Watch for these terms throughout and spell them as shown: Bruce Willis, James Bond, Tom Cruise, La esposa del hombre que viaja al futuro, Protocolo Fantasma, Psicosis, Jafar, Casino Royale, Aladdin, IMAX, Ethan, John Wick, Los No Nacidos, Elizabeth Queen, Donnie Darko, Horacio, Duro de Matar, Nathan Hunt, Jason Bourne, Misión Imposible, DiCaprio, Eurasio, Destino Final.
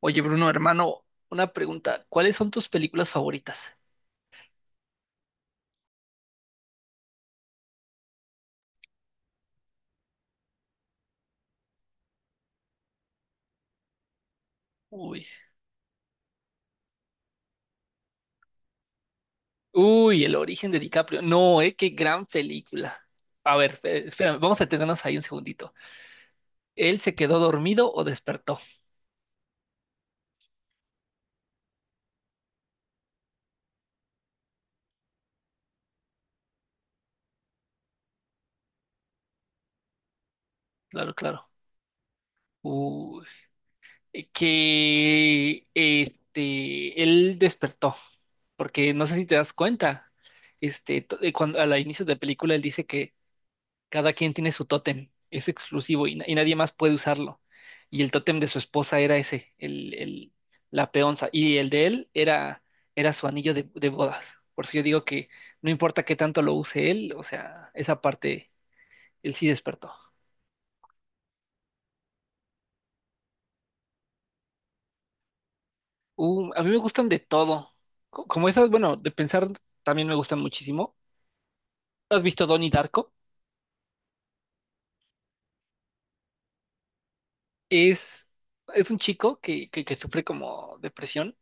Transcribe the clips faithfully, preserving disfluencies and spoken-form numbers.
Oye, Bruno, hermano, una pregunta. ¿Cuáles son tus películas favoritas? Uy. Uy, El origen de DiCaprio. No, eh, qué gran película. A ver, eh, espérame, vamos a detenernos ahí un segundito. ¿Él se quedó dormido o despertó? Claro, claro. Uy, eh, que este, él despertó, porque no sé si te das cuenta. Este, to- eh, cuando al inicio de la película él dice que cada quien tiene su tótem, es exclusivo y, na- y nadie más puede usarlo. Y el tótem de su esposa era ese, el, el- la peonza, y el de él era, era su anillo de, de bodas. Por eso yo digo que no importa qué tanto lo use él, o sea, esa parte, él sí despertó. Uh, a mí me gustan de todo. Co- Como esas, bueno, de pensar también me gustan muchísimo. ¿Has visto Donnie Darko? Es, es un chico que, que, que sufre como depresión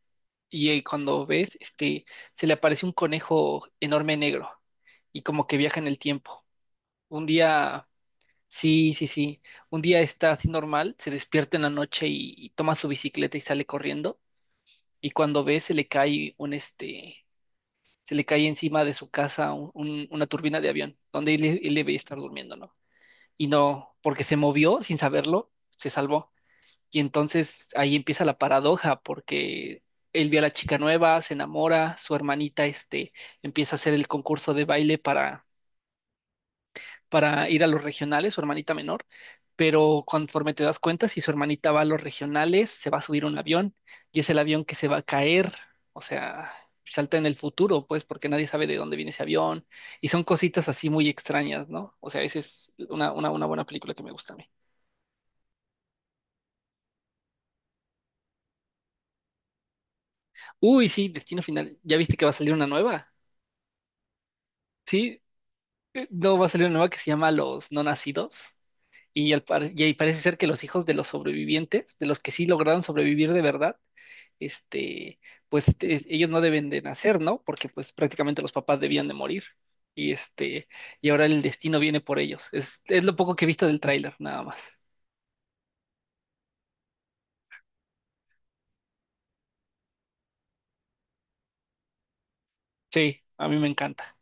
y eh, cuando ves, este, se le aparece un conejo enorme negro y como que viaja en el tiempo. Un día, sí, sí, sí, un día está así normal, se despierta en la noche y, y toma su bicicleta y sale corriendo y cuando ve se le cae un, este, se le cae encima de su casa un- un- una turbina de avión donde él, él debe estar durmiendo, ¿no? Y no, porque se movió sin saberlo, se salvó. Y entonces ahí empieza la paradoja, porque él ve a la chica nueva, se enamora, su hermanita este, empieza a hacer el concurso de baile para, para ir a los regionales, su hermanita menor, pero conforme te das cuenta, si su hermanita va a los regionales, se va a subir un avión y es el avión que se va a caer, o sea, salta en el futuro, pues, porque nadie sabe de dónde viene ese avión y son cositas así muy extrañas, ¿no? O sea, esa es una, una, una buena película que me gusta a mí. Uy, sí, Destino Final, ¿ya viste que va a salir una nueva? Sí, eh, no va a salir una nueva que se llama Los No Nacidos. Y, al par- y ahí parece ser que los hijos de los sobrevivientes, de los que sí lograron sobrevivir de verdad, este, pues este, ellos no deben de nacer, ¿no? Porque pues prácticamente los papás debían de morir. Y este, y ahora el destino viene por ellos. Es, es lo poco que he visto del tráiler, nada más. Sí, a mí me encanta.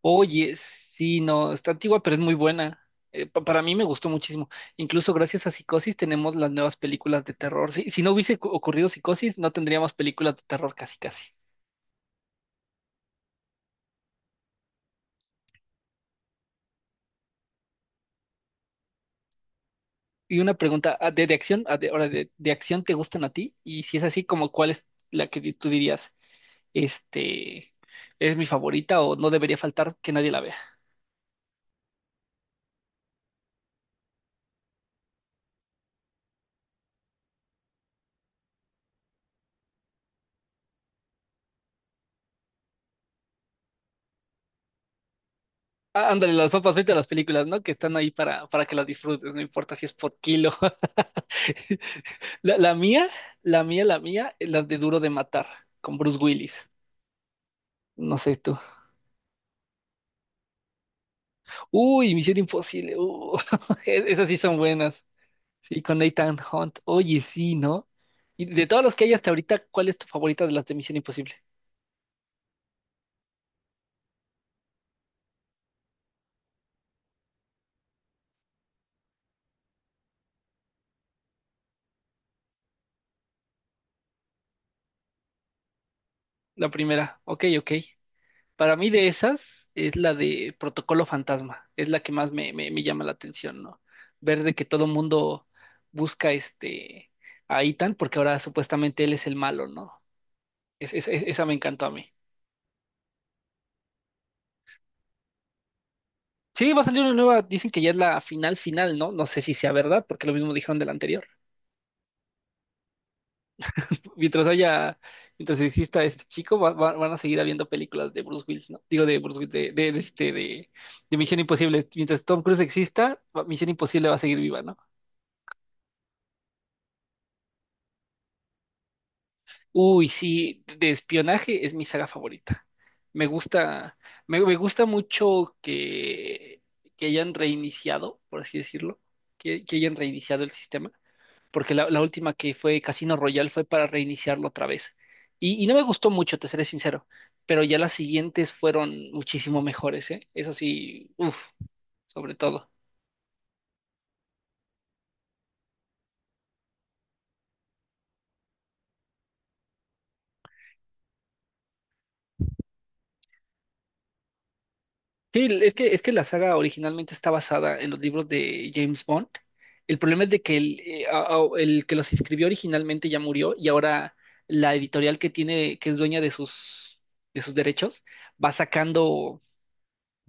Oye, sí, no, está antigua, pero es muy buena. Eh, pa- para mí me gustó muchísimo. Incluso gracias a Psicosis tenemos las nuevas películas de terror. Si, si no hubiese cu- ocurrido Psicosis, no tendríamos películas de terror casi casi. Y una pregunta, ah, ¿de, de acción? Ah, de- ahora, de, ¿de acción te gustan a ti? Y si es así, ¿como cuál es la que di- tú dirías, este, es mi favorita o no debería faltar que nadie la vea? Ah, ándale, las papas, vete a las películas, ¿no? Que están ahí para, para que las disfrutes, no importa si es por kilo. La, la mía, la mía, la mía, la de Duro de Matar, con Bruce Willis. No sé tú. Uy, Misión Imposible. uh, esas sí son buenas. Sí, con Nathan Hunt. Oye, sí, ¿no? Y de todas las que hay hasta ahorita, ¿cuál es tu favorita de las de Misión Imposible? La primera. Ok, ok. Para mí de esas es la de Protocolo Fantasma. Es la que más me, me, me llama la atención, ¿no? Ver de que todo el mundo busca este a Ethan porque ahora supuestamente él es el malo, ¿no? Es- es- es- esa me encantó a mí. Sí, va a salir una nueva, dicen que ya es la final final, ¿no? No sé si sea verdad, porque lo mismo dijeron del anterior. Mientras haya, mientras exista este chico, va- va- van a seguir habiendo películas de Bruce Willis, ¿no? Digo, de Bruce Willis, de, de- de este, de, de Misión Imposible. Mientras Tom Cruise exista, va- Misión Imposible va a seguir viva, ¿no? Uy, sí, de espionaje es mi saga favorita. Me gusta, me, me gusta mucho que, que hayan reiniciado, por así decirlo, que que hayan reiniciado el sistema porque la, la última que fue Casino Royale fue para reiniciarlo otra vez. Y, y no me gustó mucho, te seré sincero, pero ya las siguientes fueron muchísimo mejores, ¿eh? Eso sí, uff, sobre todo. Sí, es que, es que la saga originalmente está basada en los libros de James Bond. El problema es de que el, eh, a- a- el que los escribió originalmente ya murió y ahora la editorial que tiene, que es dueña de sus, de sus derechos, va sacando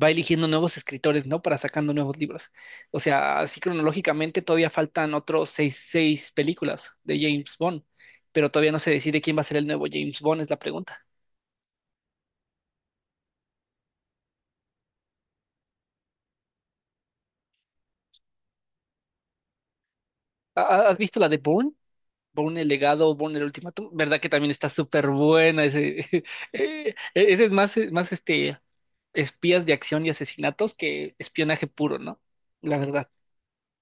va eligiendo nuevos escritores, ¿no? Para sacando nuevos libros. O sea, así cronológicamente todavía faltan otros seis, seis películas de James Bond, pero todavía no se decide quién va a ser el nuevo James Bond, es la pregunta. ¿Ha- ¿Has visto la de Bourne? Bourne el legado, Bourne el ultimátum, ¿verdad que también está súper buena? Ese, eh, ese es más, eh, más este, espías de acción y asesinatos que espionaje puro, ¿no? La verdad.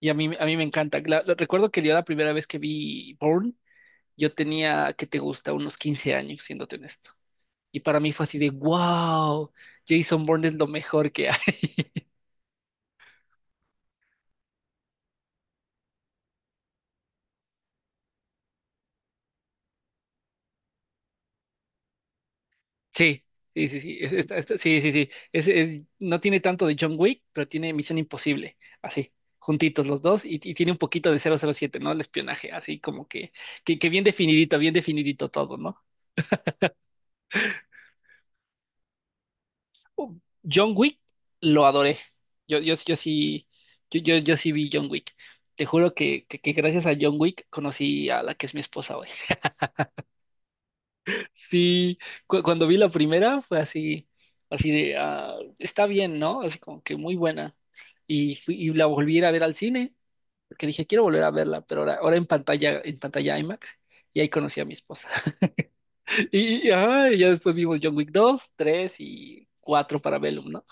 Y a mí, a mí me encanta. La- la- recuerdo que yo la primera vez que vi Bourne, yo tenía, ¿qué te gusta? Unos quince años, siéndote honesto. Y para mí fue así de, wow, Jason Bourne es lo mejor que hay. Sí, sí, sí, sí, es- es- es- sí, sí, sí. Es, es- no tiene tanto de John Wick, pero tiene Misión Imposible, así, juntitos los dos, y, y tiene un poquito de cero cero siete, ¿no? El espionaje, así como que, que, que bien definidito, bien definidito todo, ¿no? Uh, John Wick lo adoré. Yo, yo, yo sí, yo, yo, yo sí vi John Wick. Te juro que, que, que gracias a John Wick conocí a la que es mi esposa hoy. Sí, cu- cuando vi la primera fue así, así de, ah, está bien, ¿no? Así como que muy buena. Y, fui- y la volví a ir a ver al cine, porque dije, quiero volver a verla, pero ahora, ahora en pantalla, en pantalla IMAX, y ahí conocí a mi esposa. Y, y, ajá, y ya después vimos John Wick dos, tres y cuatro para Vellum, ¿no?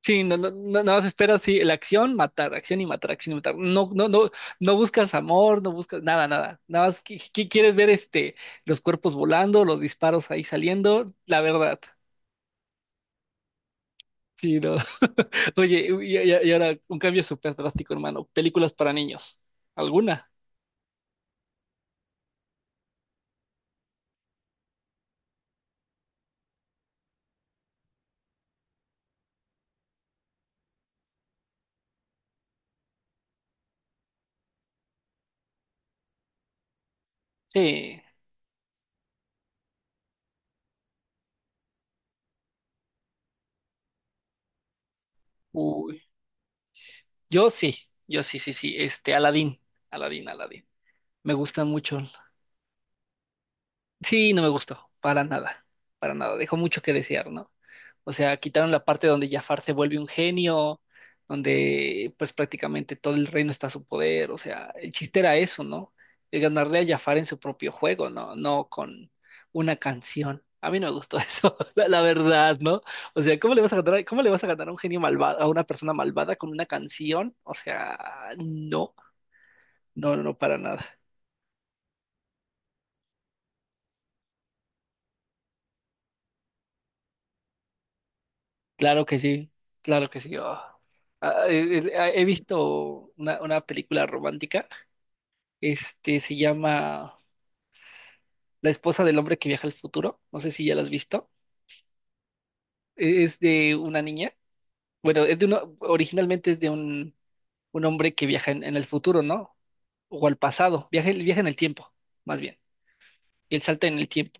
Sí, no, no, no, nada más esperas, sí, la acción, matar, acción y matar, acción y matar. No, no, no, no buscas amor, no buscas nada, nada. Nada más qui- qui- quieres ver este, los cuerpos volando, los disparos ahí saliendo, la verdad. Sí, no. Oye, y, y- y ahora un cambio súper drástico, hermano. Películas para niños. ¿Alguna? Sí. Uy, yo sí, yo sí, sí, sí. Este, Aladdin, Aladdin, Aladdin. Me gustan mucho. Sí, no me gustó, para nada, para nada, dejó mucho que desear, ¿no? O sea, quitaron la parte donde Jafar se vuelve un genio, donde pues prácticamente todo el reino está a su poder, o sea, el chiste era eso, ¿no? El ganarle a Jafar en su propio juego, ¿no? No con una canción. A mí no me gustó eso, la, la verdad, ¿no? O sea, ¿cómo le vas a ganar, cómo le vas a ganar a un genio malvado, a una persona malvada con una canción? O sea, no, no, no, no, para nada. Claro que sí, claro que sí. Oh. Ah, eh, eh, ah, He visto una, una película romántica, este se llama La esposa del hombre que viaja al futuro, no sé si ya la has visto, E- es de una niña, bueno, es de uno, originalmente es de un, un hombre que viaja en, en el futuro, ¿no? O al pasado, viaja, viaja en el tiempo, más bien. Y él salta en el tiempo.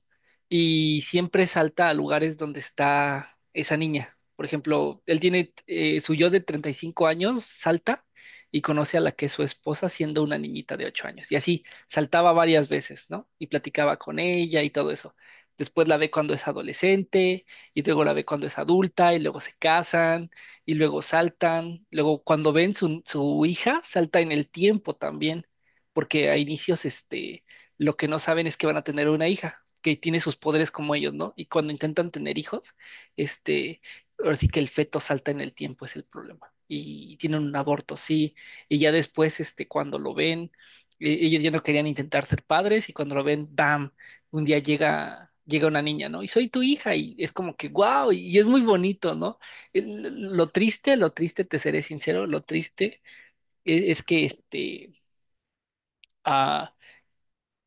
Y siempre salta a lugares donde está esa niña. Por ejemplo, él tiene eh, su yo de treinta y cinco años, salta y conoce a la que es su esposa siendo una niñita de ocho años. Y así saltaba varias veces, ¿no? Y platicaba con ella y todo eso. Después la ve cuando es adolescente y luego la ve cuando es adulta y luego se casan y luego saltan. Luego cuando ven su, su hija, salta en el tiempo también, porque a inicios, este lo que no saben es que van a tener una hija que tiene sus poderes como ellos, ¿no? Y cuando intentan tener hijos, este, ahora sí que el feto salta en el tiempo, es el problema. Y tienen un aborto, sí. Y ya después, este, cuando lo ven, eh, ellos ya no querían intentar ser padres y cuando lo ven, ¡bam! Un día llega, llega una niña, ¿no? Y soy tu hija y es como que, wow, y es muy bonito, ¿no? El- Lo triste, lo triste, te seré sincero, lo triste es, es que, este, ah,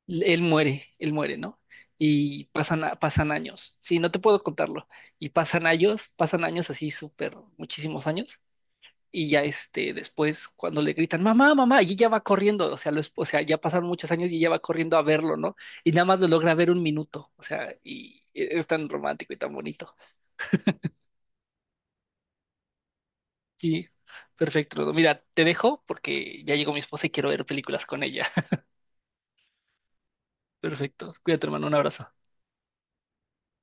él muere, él muere, ¿no? Y pasan, a- pasan años. Sí, no te puedo contarlo. Y pasan años, pasan años así súper, muchísimos años. Y ya este, después, cuando le gritan, mamá, mamá, y ella va corriendo, o sea, lo es- o sea, ya pasaron muchos años y ella va corriendo a verlo, ¿no? Y nada más lo logra ver un minuto, o sea, y e, es tan romántico y tan bonito. Sí, perfecto. Rodo. Mira, te dejo porque ya llegó mi esposa y quiero ver películas con ella. Perfecto. Cuídate, hermano, un abrazo.